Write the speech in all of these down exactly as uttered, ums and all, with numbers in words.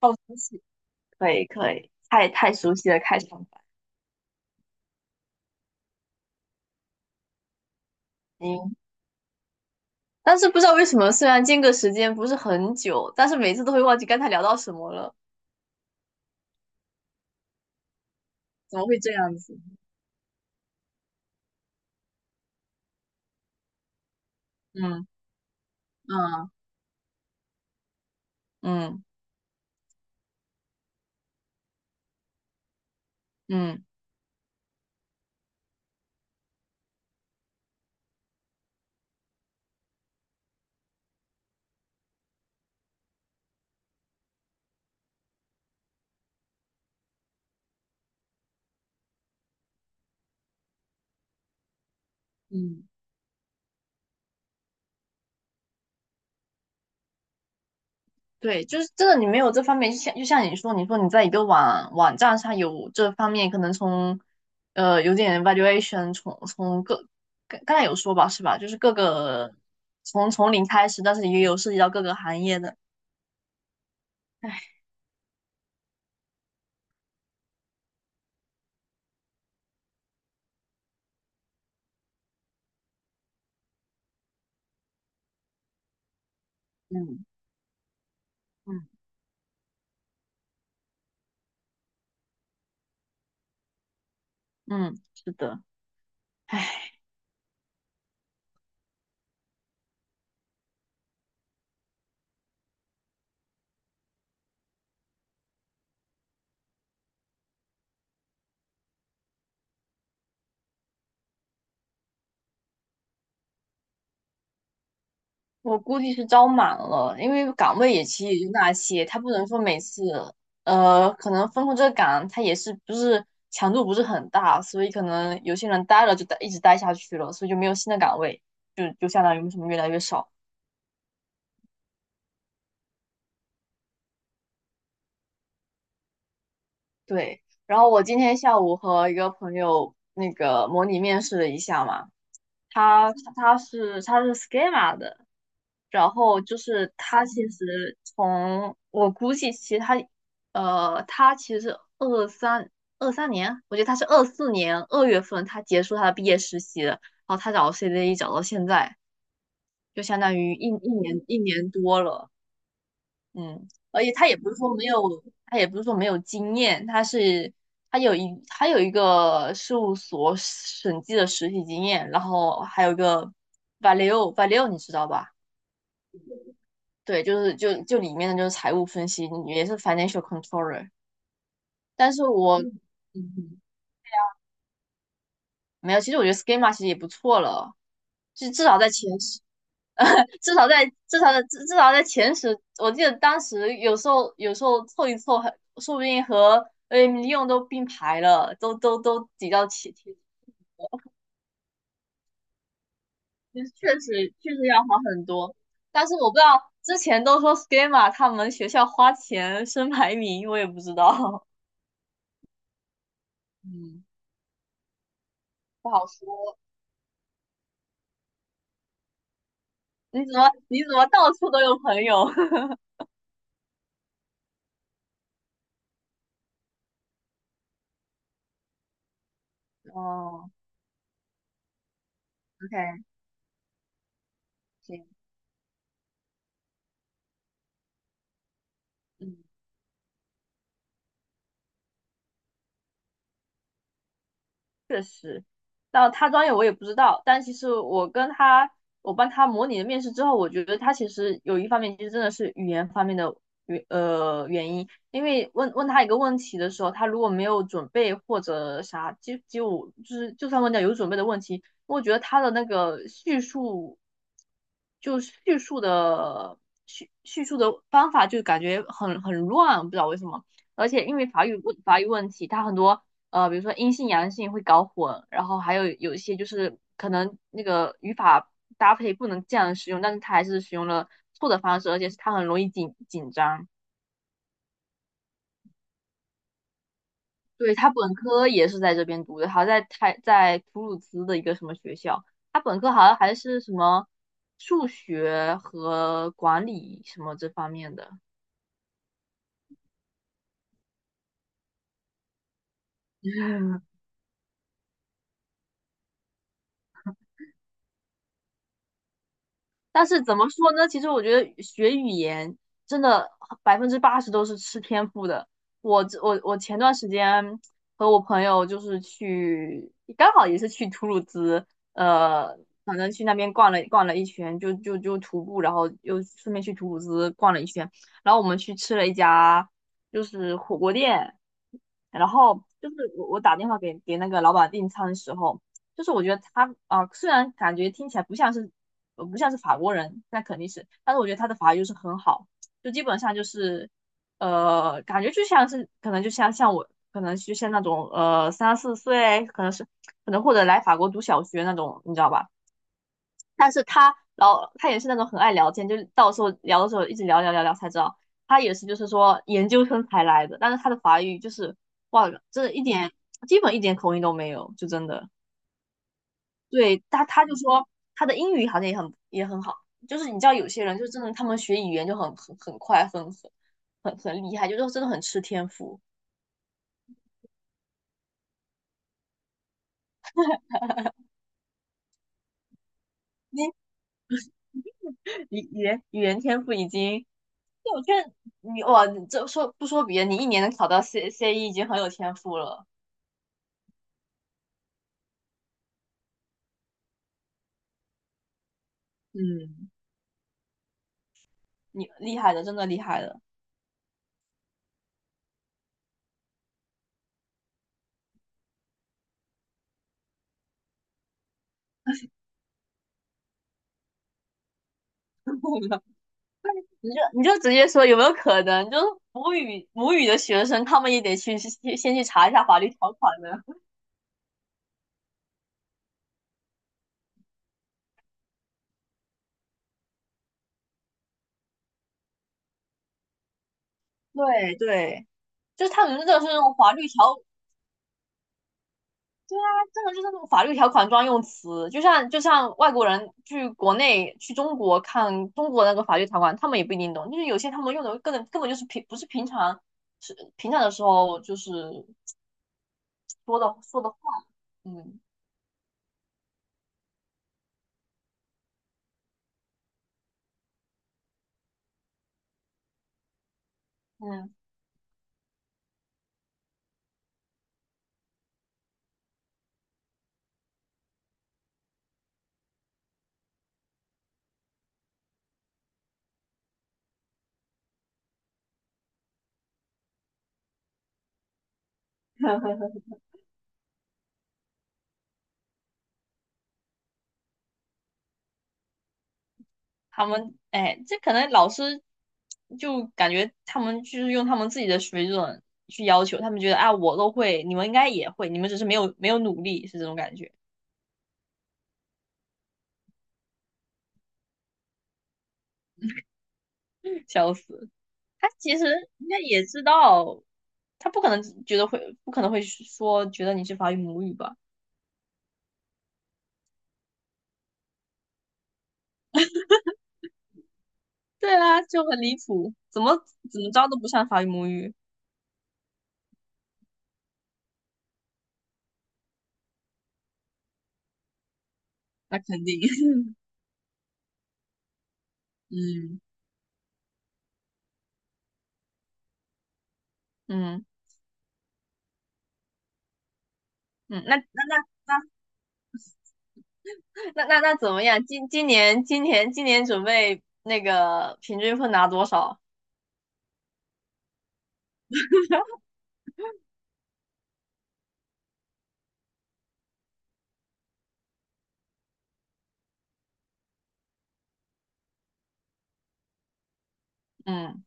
好熟悉，可以可以，太太熟悉了开场白应。但是不知道为什么，虽然间隔时间不是很久，但是每次都会忘记刚才聊到什么了，怎么会这样子？嗯嗯嗯嗯嗯，对，就是真的，你没有这方面，就像就像你说，你说你在一个网网站上有这方面，可能从呃有点 valuation，从从各刚刚才有说吧，是吧？就是各个从从零开始，但是也有涉及到各个行业的，唉，嗯。嗯嗯，是的，唉，我估计是招满了，因为岗位也其实也就那些，他不能说每次，呃，可能分控这个岗，他也是不是强度不是很大，所以可能有些人待了就待一直待下去了，所以就没有新的岗位，就就相当于为什么越来越少。对，然后我今天下午和一个朋友那个模拟面试了一下嘛，他他是他是 schema 的。然后就是他其实从我估计，其实他呃，他其实二三二三年，我觉得他是二四年二月份他结束他的毕业实习的，然后他找 C D E 找到现在，就相当于一一年一年多了，嗯，而且他也不是说没有，他也不是说没有经验，他是他有一他有一个事务所审计的实习经验，然后还有一个 Valeo Valeo 你知道吧？对，就是就就里面的就是财务分析，也是 financial controller。但是我嗯嗯嗯没有，其实我觉得 schema 其实也不错了，就至少在前十，至少在至少在至至少在前十，我记得当时有时候有时候凑一凑还，说不定和 A M 利用都并排了，都都都挤到前前，就是确实确实要好很多。但是我不知道之前都说 schema 他们学校花钱升排名，我也不知道，嗯，不好说。你怎么你怎么到处都有朋友？哦，OK，行，嗯。确实，那他专业我也不知道，但其实我跟他，我帮他模拟了面试之后，我觉得他其实有一方面其实真的是语言方面的原呃原因，因为问问他一个问题的时候，他如果没有准备或者啥，就就就是就算问到有准备的问题，我觉得他的那个叙述，就叙述的叙叙述的方法就感觉很很乱，不知道为什么。而且因为法语问法语问题，他很多呃，比如说阴性阳性会搞混，然后还有有一些就是可能那个语法搭配不能这样使用，但是他还是使用了错的方式，而且是他很容易紧紧张。对，他本科也是在这边读的，好在他在图鲁兹的一个什么学校，他本科好像还是什么数学和管理什么这方面的。但是怎么说呢？其实我觉得学语言真的百分之八十都是吃天赋的。我我我前段时间和我朋友就是去，刚好也是去图鲁兹，呃，反正去那边逛了逛了一圈，就就就徒步，然后又顺便去图鲁兹逛了一圈，然后我们去吃了一家就是火锅店，然后就是我我打电话给给那个老板订餐的时候。就是我觉得他啊、呃虽然感觉听起来不像是呃不像是法国人，那肯定是，但是我觉得他的法语就是很好，就基本上就是呃感觉就像是可能就像像我可能就像那种呃三四岁，可能是可能或者来法国读小学那种，你知道吧？但是他老他也是那种很爱聊天，就是到时候聊的时候一直聊聊聊聊才知道。他也是就是说研究生才来的，但是他的法语就是哇，真的一点基本一点口音都没有，就真的。对他，他就说他的英语好像也很也很好，就是你知道有些人就真的他们学语言就很很很快，很很很很厉害，就是真的很吃天赋。你语语言语言天赋已经，就我觉得你哇，你这说不说别的，你一年能考到 C C E 已经很有天赋了。嗯，你厉害的，真的厉害的。你就你就直接说有没有可能，就是母语母语的学生，他们也得去先先去查一下法律条款呢。对对。就是他们真的是那种法律条，他真的就是那种法律条款专用词，就像就像外国人去国内去中国看中国那个法律条款，他们也不一定懂，就是有些他们用的根本根本就是平不是平常是平常的时候就是说的说的话，嗯嗯，他们哎，这可能老师就感觉他们就是用他们自己的水准去要求，他们觉得啊我都会，你们应该也会，你们只是没有没有努力，是这种感觉，笑死。他其实应该也知道，他不可能觉得会，不可能会说觉得你是法语母语吧？对啊，就很离谱，怎么怎么着都不像法语母语，那肯定，嗯嗯嗯，那那那那那那那怎么样？今今年今年今年准备那个平均分拿多少？嗯，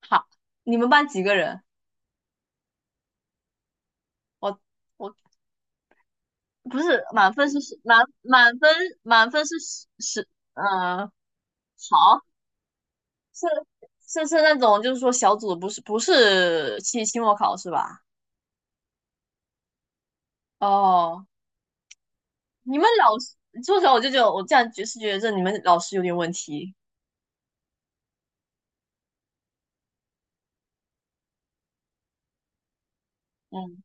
好，你们班几个人？我我不是满分是十满满分满分是十十，嗯、好。是是是那种，就是说小组的不是不是期期末考是吧？哦，你们老师，说实话，我就觉得我这样觉是觉得这你们老师有点问题。嗯，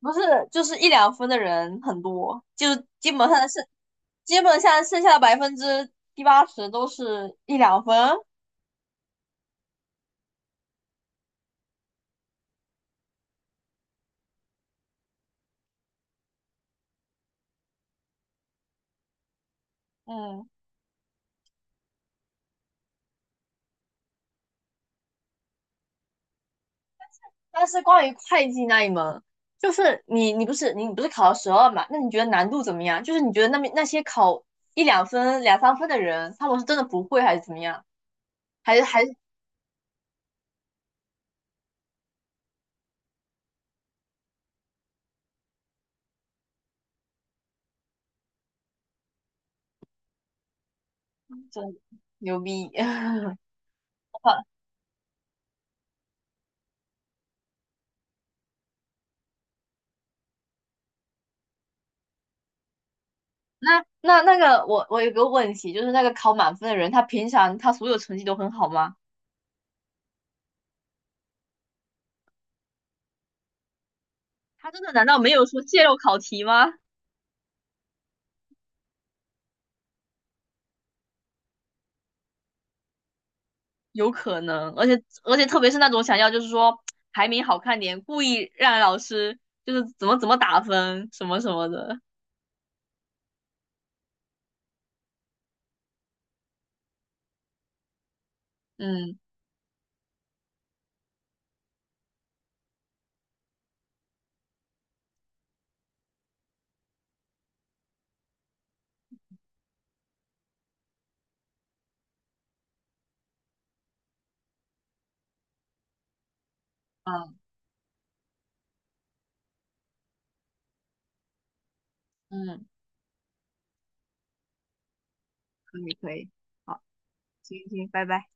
不是，就是一两分的人很多，就基本上剩，基本上剩下的百分之七八十都是一两分。嗯。但是关于会计那一门，就是你你不是你不是考了十二嘛？那你觉得难度怎么样？就是你觉得那边那些考一两分、两三分的人，他们是真的不会还是怎么样？还是还是真牛逼？好，那那那个我我有个问题，就是那个考满分的人，他平常他所有成绩都很好吗？他真的难道没有说泄露考题吗？有可能，而且而且特别是那种想要就是说排名好看点，故意让老师就是怎么怎么打分什么什么的。嗯嗯嗯，可以可以，好，行行，拜拜。